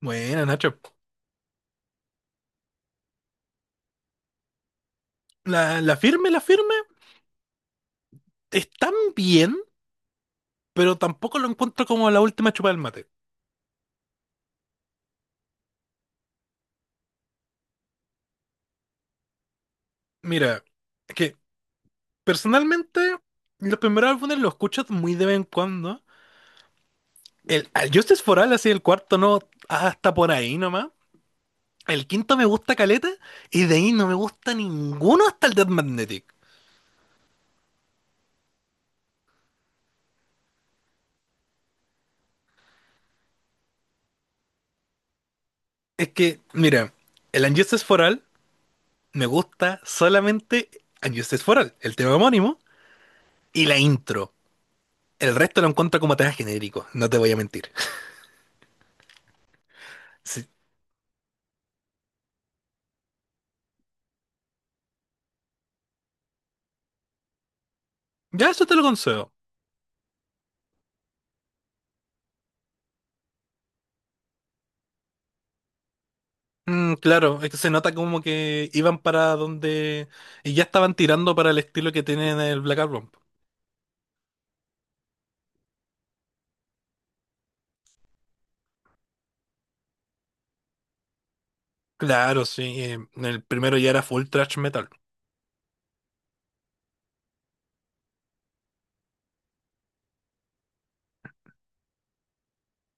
Bueno, Nacho, la firme, están bien, pero tampoco lo encuentro como la última chupa del mate. Mira, es que personalmente los primeros álbumes los escucho muy de vez en cuando. Al Justice for All, así el cuarto no, hasta por ahí nomás. El quinto me gusta caleta y de ahí no me gusta ninguno hasta el Death Magnetic. Es que, mira, el Unjustice for All me gusta solamente Unjustice for All, el tema homónimo y la intro. El resto lo encuentro como temas genéricos, no te voy a mentir. Sí. Ya eso te lo concedo. Mm, claro, es que se nota como que iban para donde... Y ya estaban tirando para el estilo que tienen el Black Album. Claro, sí. El primero ya era full thrash metal.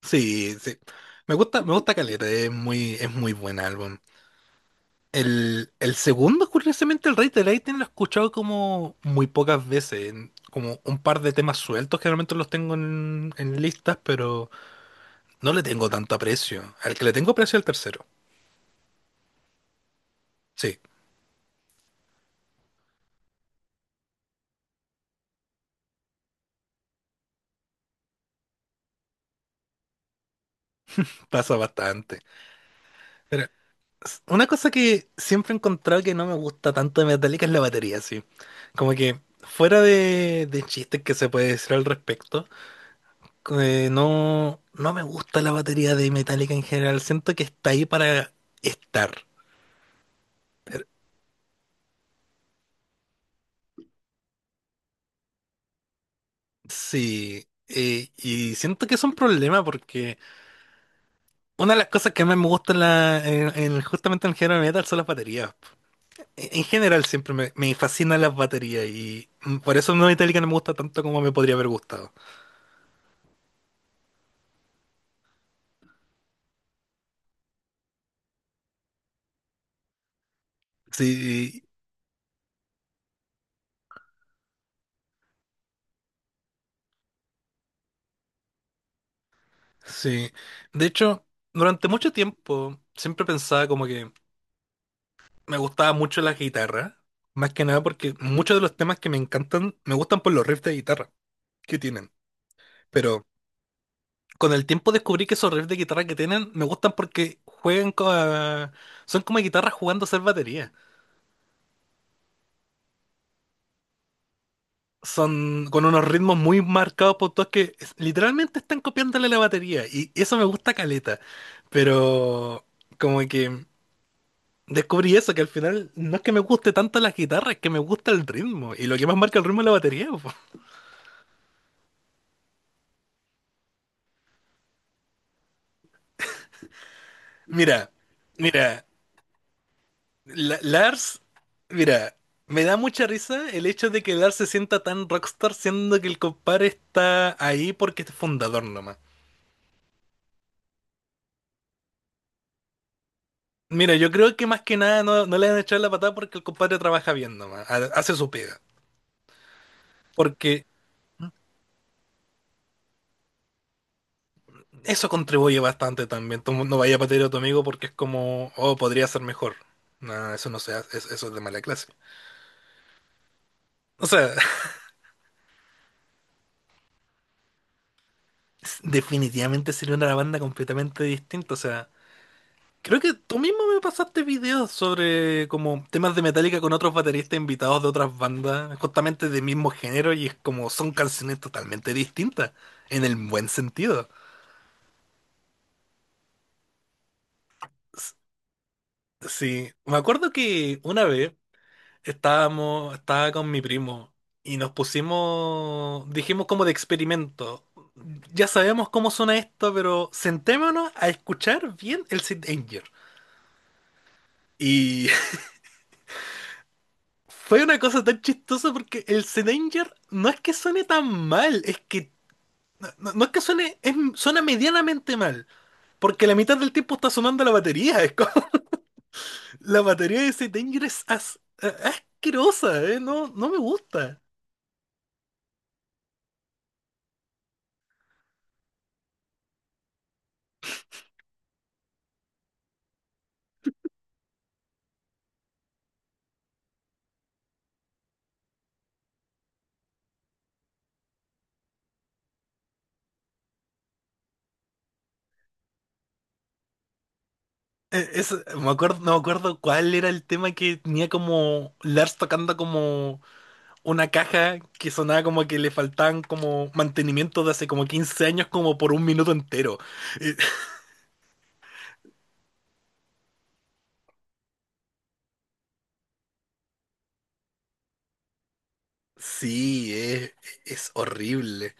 Sí, sí. Me gusta Caleta, es muy buen álbum. El segundo, curiosamente, el Rey de Lightning lo he escuchado como muy pocas veces, como un par de temas sueltos, generalmente los tengo en listas, pero no le tengo tanto aprecio. Al que le tengo aprecio es al tercero. Sí, pasa bastante. Pero una cosa que siempre he encontrado que no me gusta tanto de Metallica es la batería, sí. Como que fuera de chistes que se puede decir al respecto, no me gusta la batería de Metallica en general. Siento que está ahí para estar. Sí. Y siento que es un problema porque una de las cosas que más me gusta en justamente en el género de metal son las baterías. En general siempre me fascinan las baterías y por eso no Metallica no me gusta tanto como me podría haber gustado. Sí, sí. De hecho, durante mucho tiempo siempre pensaba como que me gustaba mucho la guitarra, más que nada porque muchos de los temas que me encantan me gustan por los riffs de guitarra que tienen. Pero con el tiempo descubrí que esos riffs de guitarra que tienen me gustan porque juegan con... son como guitarras jugando a ser batería. Son con unos ritmos muy marcados por todos que literalmente están copiándole la batería y eso me gusta caleta, pero como que descubrí eso, que al final no es que me guste tanto la guitarra, es que me gusta el ritmo y lo que más marca el ritmo es la batería. Po. Mira, mira, Lars, mira, me da mucha risa el hecho de que Lars se sienta tan rockstar siendo que el compadre está ahí porque es fundador nomás. Mira, yo creo que más que nada no le han echado la patada porque el compadre trabaja bien nomás, hace su pega. Porque eso contribuye bastante también. Tú no vayas a patear a tu amigo porque es como, oh, podría ser mejor. No, eso no se hace, eso es de mala clase. O sea, definitivamente sería una banda completamente distinta. O sea, creo que tú mismo me pasaste videos sobre como temas de Metallica con otros bateristas invitados de otras bandas, justamente del mismo género, y es como son canciones totalmente distintas, en el buen sentido. Sí, me acuerdo que una vez estaba con mi primo y nos pusimos, dijimos como de experimento. Ya sabemos cómo suena esto, pero sentémonos a escuchar bien el Sid Danger. Y fue una cosa tan chistosa porque el Sid Danger no es que suene tan mal, es que no es que suene, suena medianamente mal, porque la mitad del tiempo está sonando la batería. Es como, la batería de Sid Danger es asquerosa, ¿eh? No, no me gusta. Me acuerdo, no me acuerdo cuál era el tema que tenía como Lars tocando como una caja que sonaba como que le faltaban como mantenimiento de hace como 15 años como por un minuto entero. Eh, sí, es horrible.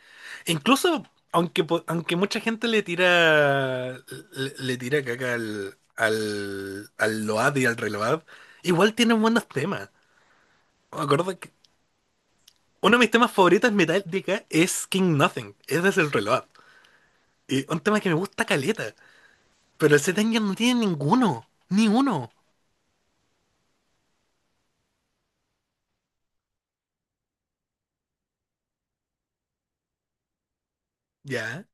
Incluso, aunque mucha gente le tira le tira caca al Load y al Reload, igual tienen buenos temas. Me acuerdo que uno de mis temas favoritos en Metallica es King Nothing, es desde el Reload. Y un tema que me gusta caleta. Pero ese Tengen no tiene ninguno. Ni uno. Ya.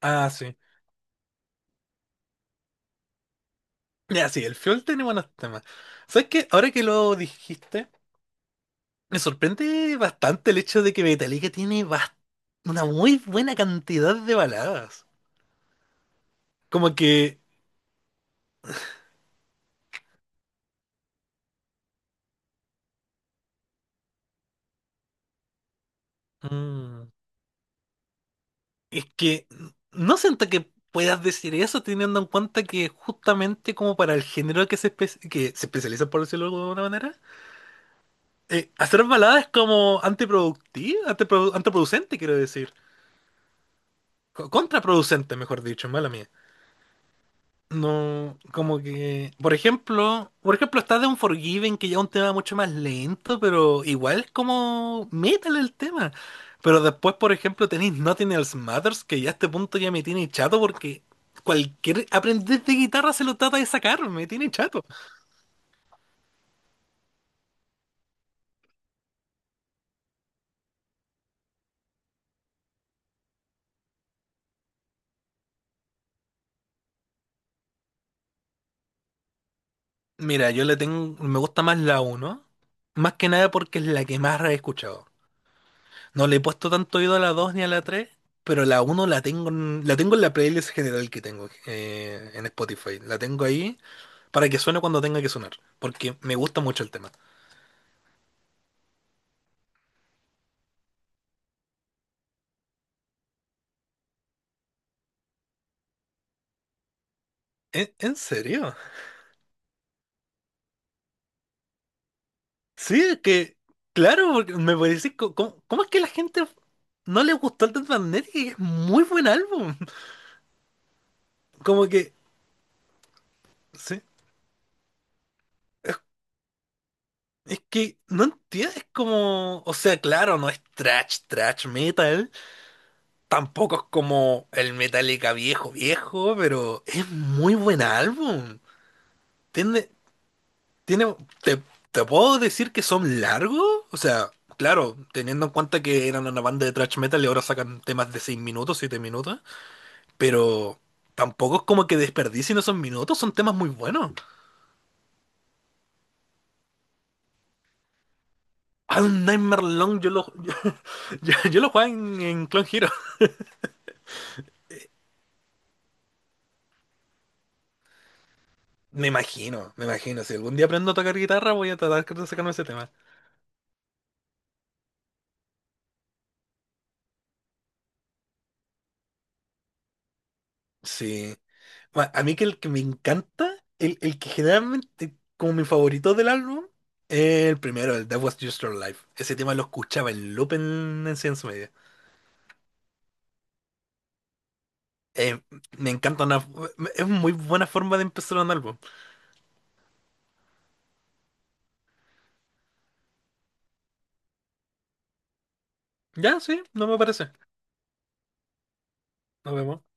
Ah, sí. Ya, sí, el Fiol tiene buenos temas. ¿Sabes qué? Ahora que lo dijiste, me sorprende bastante el hecho de que Metallica tiene una muy buena cantidad de baladas. Como que. mm, es que no siento que puedas decir eso teniendo en cuenta que justamente como para el género que se especializa, por decirlo de alguna manera, hacer balada es como antiproductiva, antiproducente, quiero decir. Contraproducente, mejor dicho, mala mía. No, como que, por ejemplo está de Unforgiven, que ya es un tema mucho más lento, pero igual es como metal el tema. Pero después, por ejemplo, tenéis Nothing Else Matters, que ya a este punto ya me tiene chato porque cualquier aprendiz de guitarra se lo trata de sacar, me tiene chato. Mira, yo le tengo, me gusta más la uno, más que nada porque es la que más he escuchado. No le he puesto tanto oído a la 2 ni a la tres, pero la uno la tengo en, la tengo en la playlist general que tengo en Spotify. La tengo ahí para que suene cuando tenga que sonar, porque me gusta mucho el tema. En serio? Sí, es que, claro, porque me parece, ¿cómo, es que la gente no le gustó el Death Magnetic? Es muy buen álbum. Como que, sí. Es que no entiendes como, o sea, claro, no es trash, trash metal, tampoco es como el Metallica viejo, viejo, pero es muy buen álbum. Tiene, tiene, te, Te puedo decir que son largos. O sea, claro, teniendo en cuenta que eran una banda de thrash metal y ahora sacan temas de 6 minutos, 7 minutos. Pero tampoco es como que desperdicien esos minutos, son temas muy buenos. Hay un Nightmare Long, yo lo juego en Clone Hero. Me imagino, me imagino. Si algún día aprendo a tocar guitarra, voy a tratar de sacarme ese tema. Sí. A mí que el que me encanta, el que generalmente como mi favorito del álbum, es el primero, el That Was Just Your Life. Ese tema lo escuchaba en loop en Ciencia Media. Eh, Me encanta una, es muy buena forma de empezar un álbum. Ya, sí, no me parece. Nos vemos.